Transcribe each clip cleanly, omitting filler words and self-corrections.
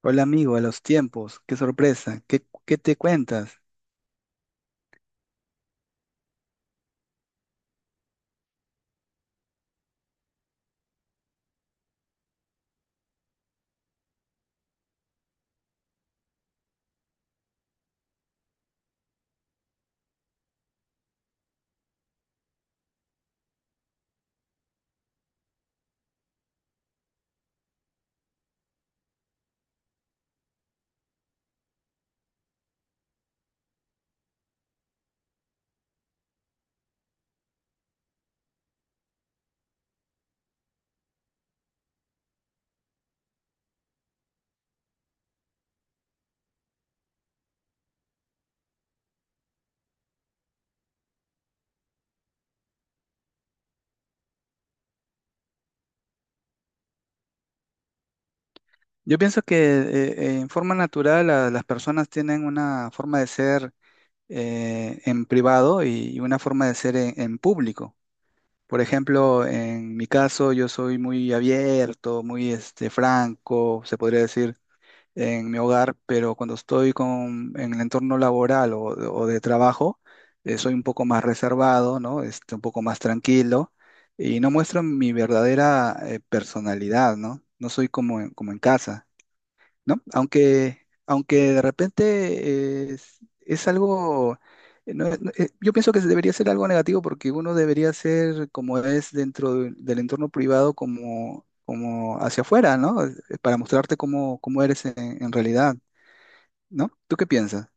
Hola amigo, a los tiempos, qué sorpresa, qué te cuentas. Yo pienso que en forma natural las personas tienen una forma de ser en privado y una forma de ser en público. Por ejemplo, en mi caso yo soy muy abierto, muy este, franco, se podría decir, en mi hogar, pero cuando estoy en el entorno laboral o de trabajo, soy un poco más reservado, ¿no? Este, un poco más tranquilo y no muestro mi verdadera personalidad, ¿no? No soy como en casa. ¿No? Aunque de repente es algo, yo pienso que debería ser algo negativo porque uno debería ser como es dentro del entorno privado como, como hacia afuera, ¿no? Para mostrarte cómo eres en realidad, ¿no? ¿Tú qué piensas?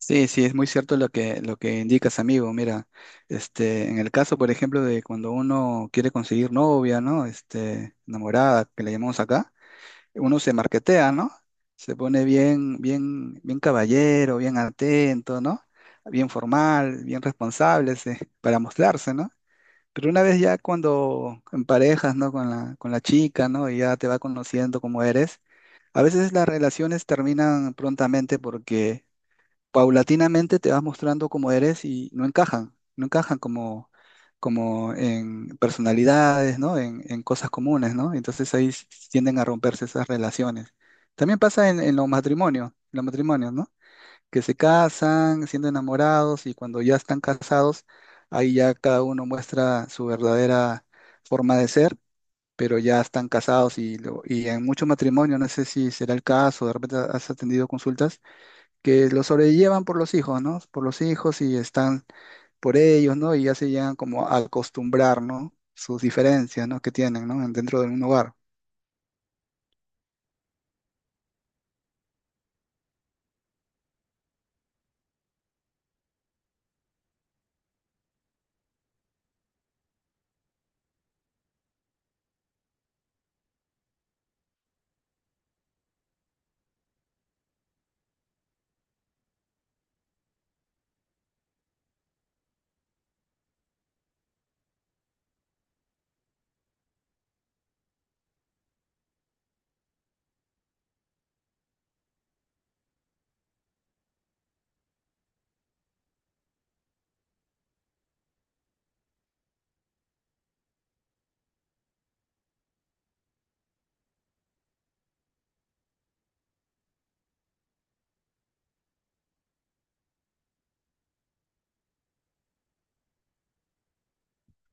Sí, sí, es muy cierto lo que indicas, amigo. Mira, este, en el caso, por ejemplo, de cuando uno quiere conseguir novia, ¿no? Este, enamorada, que le llamamos acá. Uno se marquetea, ¿no? Se pone bien, bien, bien caballero, bien atento, ¿no? Bien formal, bien responsable, sí, para mostrarse, ¿no? Pero una vez ya cuando en parejas, ¿no? Con con la chica, ¿no? Y ya te va conociendo cómo eres, a veces las relaciones terminan prontamente porque paulatinamente te vas mostrando como eres y no encajan, no encajan como, como en personalidades, ¿no? En cosas comunes, ¿no? Entonces ahí tienden a romperse esas relaciones. También pasa en los matrimonios, ¿no? Que se casan siendo enamorados y cuando ya están casados, ahí ya cada uno muestra su verdadera forma de ser, pero ya están casados y, en muchos matrimonios, no sé si será el caso, de repente has atendido consultas, que lo sobrellevan por los hijos, ¿no? Por los hijos y están por ellos, ¿no? Y ya se llegan como a acostumbrar, ¿no? Sus diferencias, ¿no? Que tienen, ¿no? Dentro de un hogar.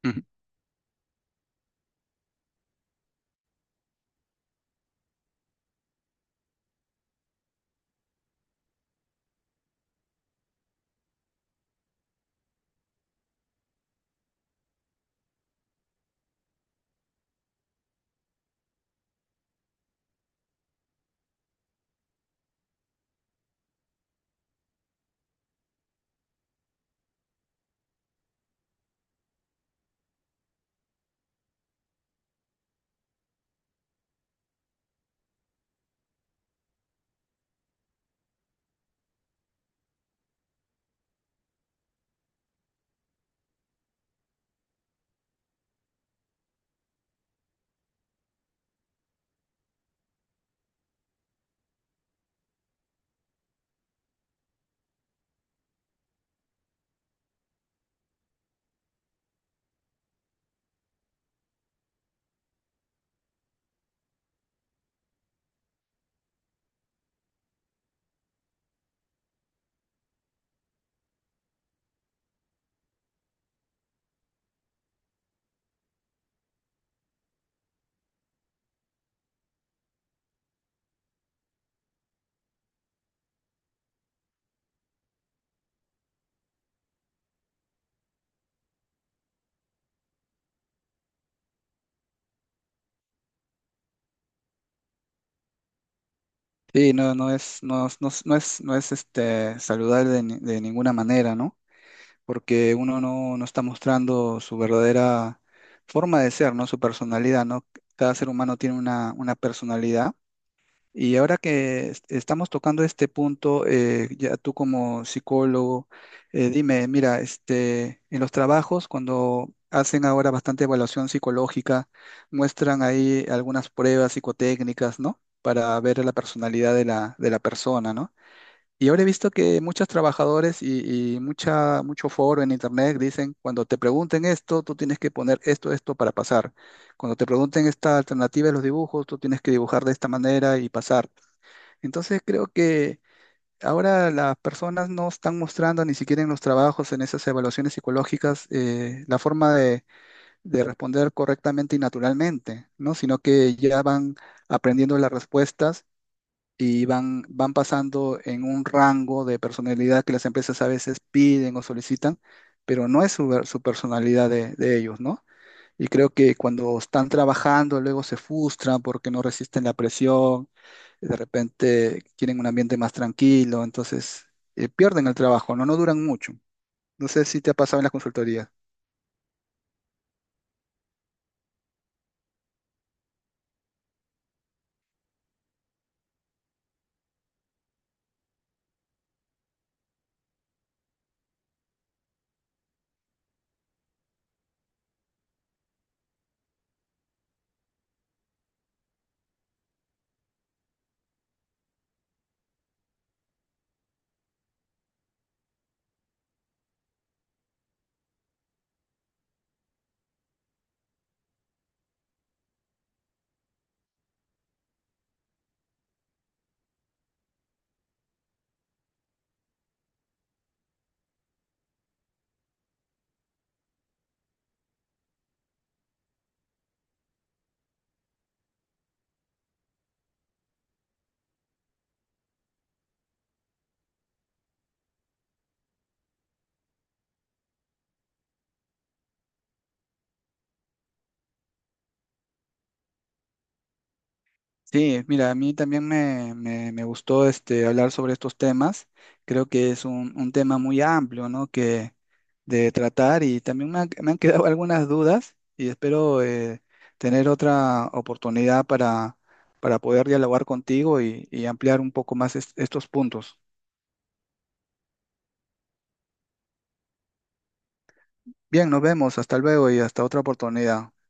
Ujú. Sí, no, no es, este, saludable de ninguna manera, ¿no? Porque uno no, no está mostrando su verdadera forma de ser, ¿no? Su personalidad, ¿no? Cada ser humano tiene una personalidad. Y ahora que estamos tocando este punto, ya tú como psicólogo, dime, mira, este, en los trabajos, cuando hacen ahora bastante evaluación psicológica, muestran ahí algunas pruebas psicotécnicas, ¿no? Para ver la personalidad de de la persona, ¿no? Y ahora he visto que muchos trabajadores y mucha, mucho foro en internet dicen, cuando te pregunten esto, tú tienes que poner esto, esto para pasar. Cuando te pregunten esta alternativa de los dibujos, tú tienes que dibujar de esta manera y pasar. Entonces creo que ahora las personas no están mostrando ni siquiera en los trabajos, en esas evaluaciones psicológicas, la forma de responder correctamente y naturalmente, ¿no? Sino que ya van aprendiendo las respuestas y van pasando en un rango de personalidad que las empresas a veces piden o solicitan, pero no es su, su personalidad de ellos, ¿no? Y creo que cuando están trabajando, luego se frustran porque no resisten la presión, de repente quieren un ambiente más tranquilo, entonces pierden el trabajo, ¿no? No duran mucho. No sé si te ha pasado en las consultorías. Sí, mira, a mí también me gustó este, hablar sobre estos temas. Creo que es un tema muy amplio, ¿no? Que de tratar y también me han quedado algunas dudas y espero tener otra oportunidad para poder dialogar contigo y ampliar un poco más estos puntos. Bien, nos vemos, hasta luego y hasta otra oportunidad.